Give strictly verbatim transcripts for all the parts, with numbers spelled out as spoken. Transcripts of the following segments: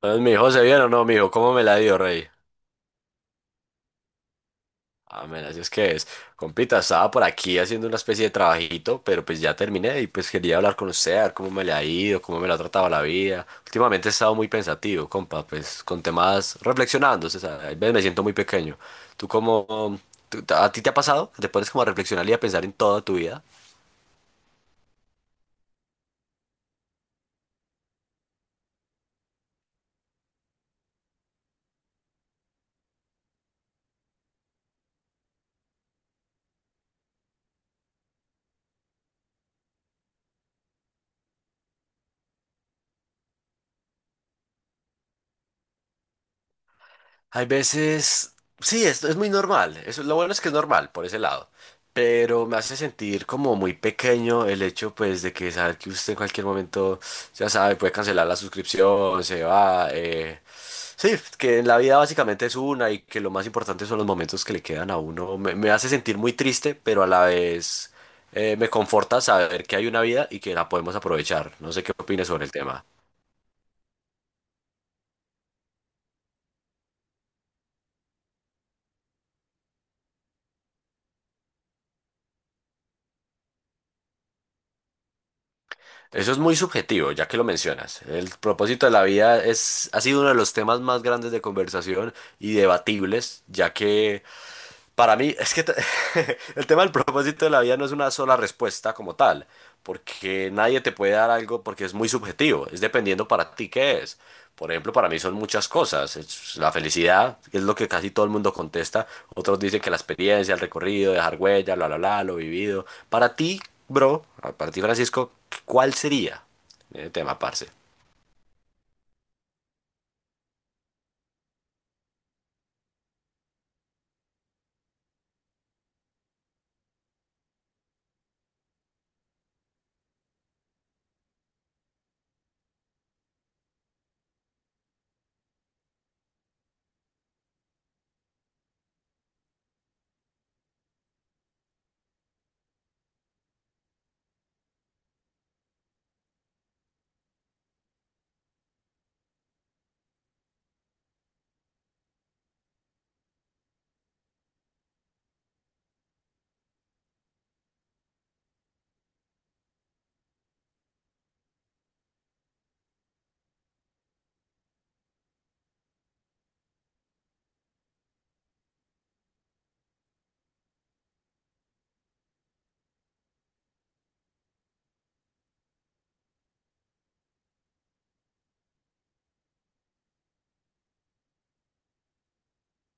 Entonces me dijo, ¿se vieron o no, mijo? ¿Cómo me la dio, rey? Ah, men, así es que es. Compita, estaba por aquí haciendo una especie de trabajito, pero pues ya terminé y pues quería hablar con usted, a ver cómo me le ha ido, cómo me la ha tratado la vida. Últimamente he estado muy pensativo, compa, pues con temas reflexionando, o sea, a veces me siento muy pequeño. ¿Tú cómo, tú- a ti te ha pasado? Que ¿Te pones como a reflexionar y a pensar en toda tu vida? Hay veces, sí, esto es muy normal. Eso, lo bueno es que es normal por ese lado. Pero me hace sentir como muy pequeño el hecho, pues, de que saber que usted en cualquier momento, ya sabe, puede cancelar la suscripción, se va. eh, Sí, que en la vida básicamente es una y que lo más importante son los momentos que le quedan a uno. Me, me hace sentir muy triste, pero a la vez eh, me conforta saber que hay una vida y que la podemos aprovechar. No sé qué opines sobre el tema. Eso es muy subjetivo, ya que lo mencionas. El propósito de la vida es, ha sido uno de los temas más grandes de conversación y debatibles, ya que para mí, es que t- el tema del propósito de la vida no es una sola respuesta como tal, porque nadie te puede dar algo porque es muy subjetivo, es dependiendo para ti qué es. Por ejemplo, para mí son muchas cosas. Es la felicidad, que es lo que casi todo el mundo contesta. Otros dicen que la experiencia, el recorrido, dejar huella, la, la, la, lo vivido. Para ti, bro, para ti, Francisco, ¿cuál sería el tema, parce?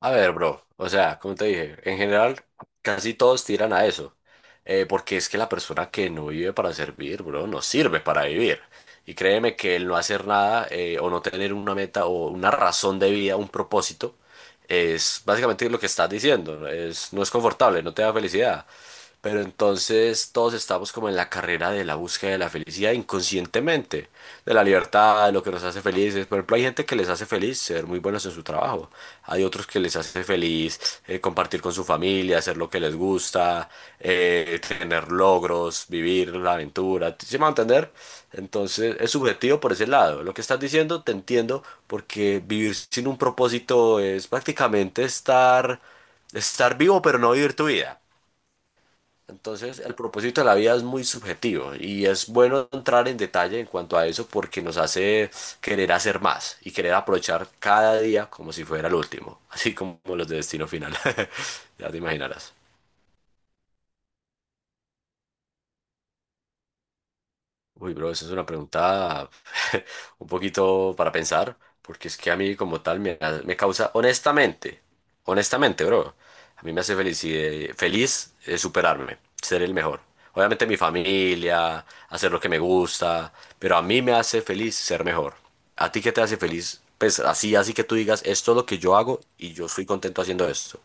A ver, bro, o sea, como te dije, en general casi todos tiran a eso, eh, porque es que la persona que no vive para servir, bro, no sirve para vivir. Y créeme que el no hacer nada eh, o no tener una meta o una razón de vida, un propósito, es básicamente lo que estás diciendo, es, no es confortable, no te da felicidad. Pero entonces todos estamos como en la carrera de la búsqueda de la felicidad inconscientemente, de la libertad, de lo que nos hace felices. Por ejemplo, hay gente que les hace feliz ser muy buenos en su trabajo. Hay otros que les hace feliz eh, compartir con su familia, hacer lo que les gusta, eh, tener logros, vivir la aventura. ¿Sí me va a entender? Entonces es subjetivo por ese lado. Lo que estás diciendo te entiendo porque vivir sin un propósito es prácticamente estar, estar vivo pero no vivir tu vida. Entonces, el propósito de la vida es muy subjetivo y es bueno entrar en detalle en cuanto a eso porque nos hace querer hacer más y querer aprovechar cada día como si fuera el último, así como los de destino final. Ya te imaginarás. Uy, bro, esa es una pregunta un poquito para pensar, porque es que a mí como tal me, ha- me causa, honestamente, honestamente, bro, a mí me hace feliz, feliz eh, superarme, ser el mejor. Obviamente mi familia, hacer lo que me gusta, pero a mí me hace feliz ser mejor. ¿A ti qué te hace feliz? Pues así, así que tú digas, esto es lo que yo hago y yo estoy contento haciendo esto.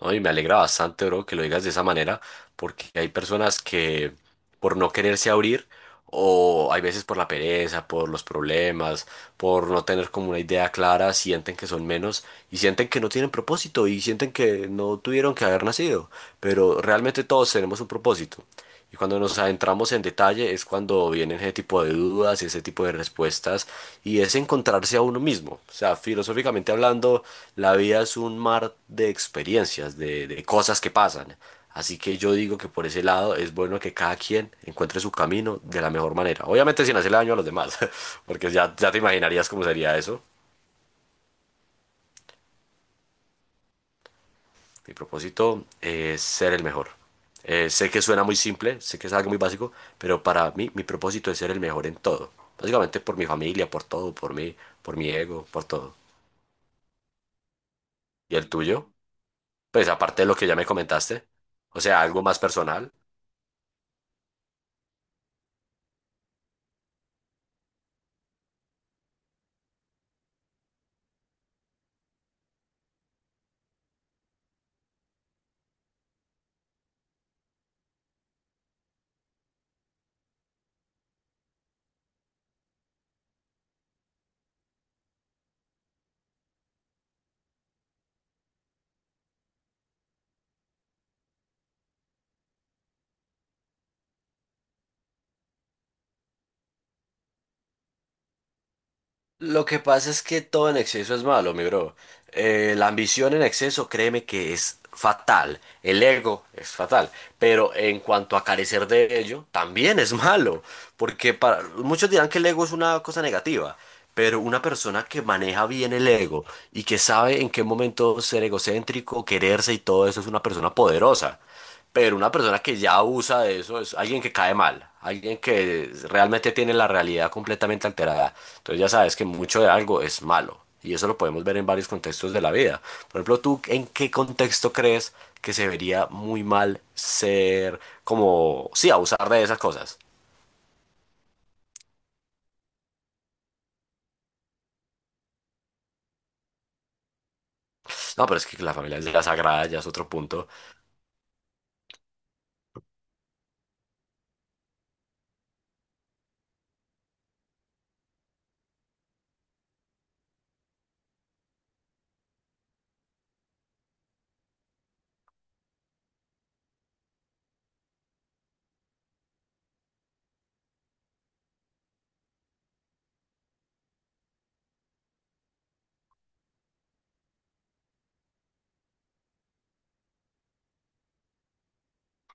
No, y me alegra bastante, bro, que lo digas de esa manera, porque hay personas que por no quererse abrir, o hay veces por la pereza, por los problemas, por no tener como una idea clara, sienten que son menos y sienten que no tienen propósito y sienten que no tuvieron que haber nacido, pero realmente todos tenemos un propósito. Y cuando nos adentramos en detalle es cuando vienen ese tipo de dudas y ese tipo de respuestas y es encontrarse a uno mismo. O sea, filosóficamente hablando, la vida es un mar de experiencias, de, de cosas que pasan. Así que yo digo que por ese lado es bueno que cada quien encuentre su camino de la mejor manera. Obviamente sin hacerle daño a los demás, porque ya, ya te imaginarías cómo sería eso. Mi propósito es ser el mejor. Eh, sé que suena muy simple, sé que es algo muy básico, pero para mí mi propósito es ser el mejor en todo. Básicamente por mi familia, por todo, por mí, por mi ego, por todo. ¿Y el tuyo? Pues aparte de lo que ya me comentaste, o sea, algo más personal. Lo que pasa es que todo en exceso es malo, mi bro. Eh, la ambición en exceso, créeme que es fatal. El ego es fatal. Pero en cuanto a carecer de ello, también es malo. Porque para, muchos dirán que el ego es una cosa negativa. Pero una persona que maneja bien el ego y que sabe en qué momento ser egocéntrico, quererse y todo eso es una persona poderosa. Pero una persona que ya abusa de eso es alguien que cae mal, alguien que realmente tiene la realidad completamente alterada. Entonces ya sabes que mucho de algo es malo. Y eso lo podemos ver en varios contextos de la vida. Por ejemplo, ¿tú en qué contexto crees que se vería muy mal ser como, sí, abusar de esas cosas? No, pero es que la familia es la sagrada, ya es otro punto.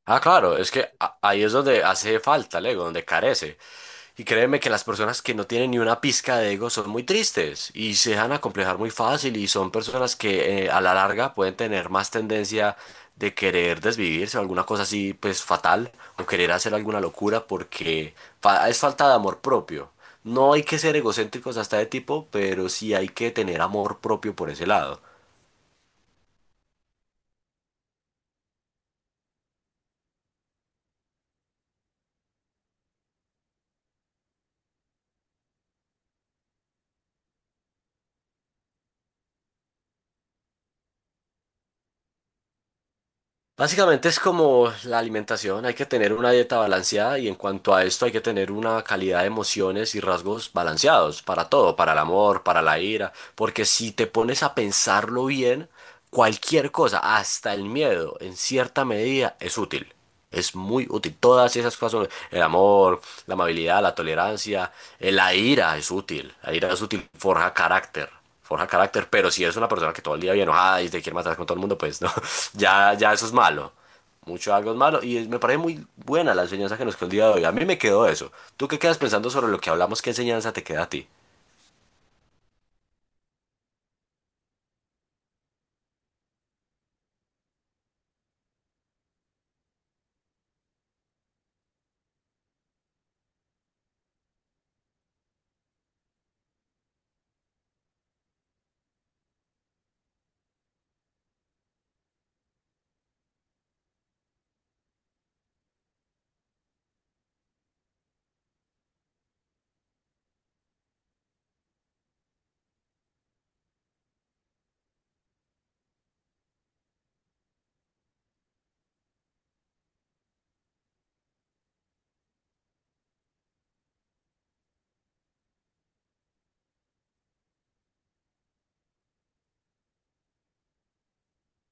Ah, claro, es que a- ahí es donde hace falta el ego, donde carece. Y créeme que las personas que no tienen ni una pizca de ego son muy tristes y se dejan acomplejar muy fácil y son personas que eh, a la larga pueden tener más tendencia de querer desvivirse o alguna cosa así pues fatal o querer hacer alguna locura porque fa- es falta de amor propio. No hay que ser egocéntricos hasta de tipo, pero sí hay que tener amor propio por ese lado. Básicamente es como la alimentación, hay que tener una dieta balanceada y en cuanto a esto hay que tener una calidad de emociones y rasgos balanceados para todo, para el amor, para la ira, porque si te pones a pensarlo bien, cualquier cosa, hasta el miedo, en cierta medida es útil. Es muy útil. Todas esas cosas son el amor, la amabilidad, la tolerancia, eh, la ira es útil. La ira es útil, forja carácter. Forja carácter, pero si eres una persona que todo el día viene enojada y te quiere matar con todo el mundo, pues no. Ya, ya eso es malo. Mucho algo es malo. Y es- me parece muy buena la enseñanza que nos quedó el día de hoy. A mí me quedó eso. ¿Tú qué quedas pensando sobre lo que hablamos? ¿Qué enseñanza te queda a ti?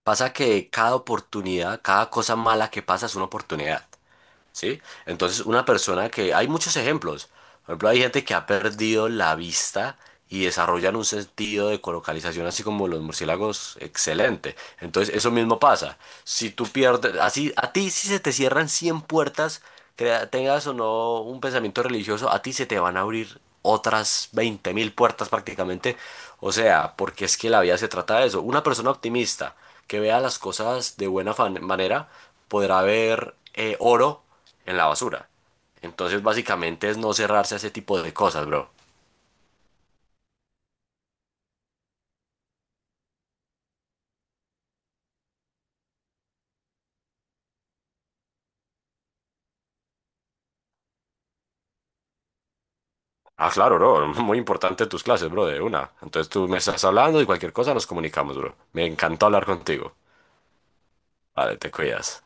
Pasa que cada oportunidad, cada cosa mala que pasa es una oportunidad. ¿Sí? Entonces, una persona que... Hay muchos ejemplos. Por ejemplo, hay gente que ha perdido la vista y desarrollan un sentido de colocalización, así como los murciélagos, excelente. Entonces, eso mismo pasa. Si tú pierdes... Así, a ti si se te cierran cien puertas, crea- tengas o no un pensamiento religioso, a ti se te van a abrir otras veinte mil puertas prácticamente. O sea, porque es que la vida se trata de eso. Una persona optimista que vea las cosas de buena fan- manera podrá ver eh, oro en la basura. Entonces, básicamente es no cerrarse a ese tipo de cosas, bro. Ah, claro, bro. Muy importante tus clases, bro, de una. Entonces tú me estás hablando y cualquier cosa nos comunicamos, bro. Me encantó hablar contigo. Vale, te cuidas.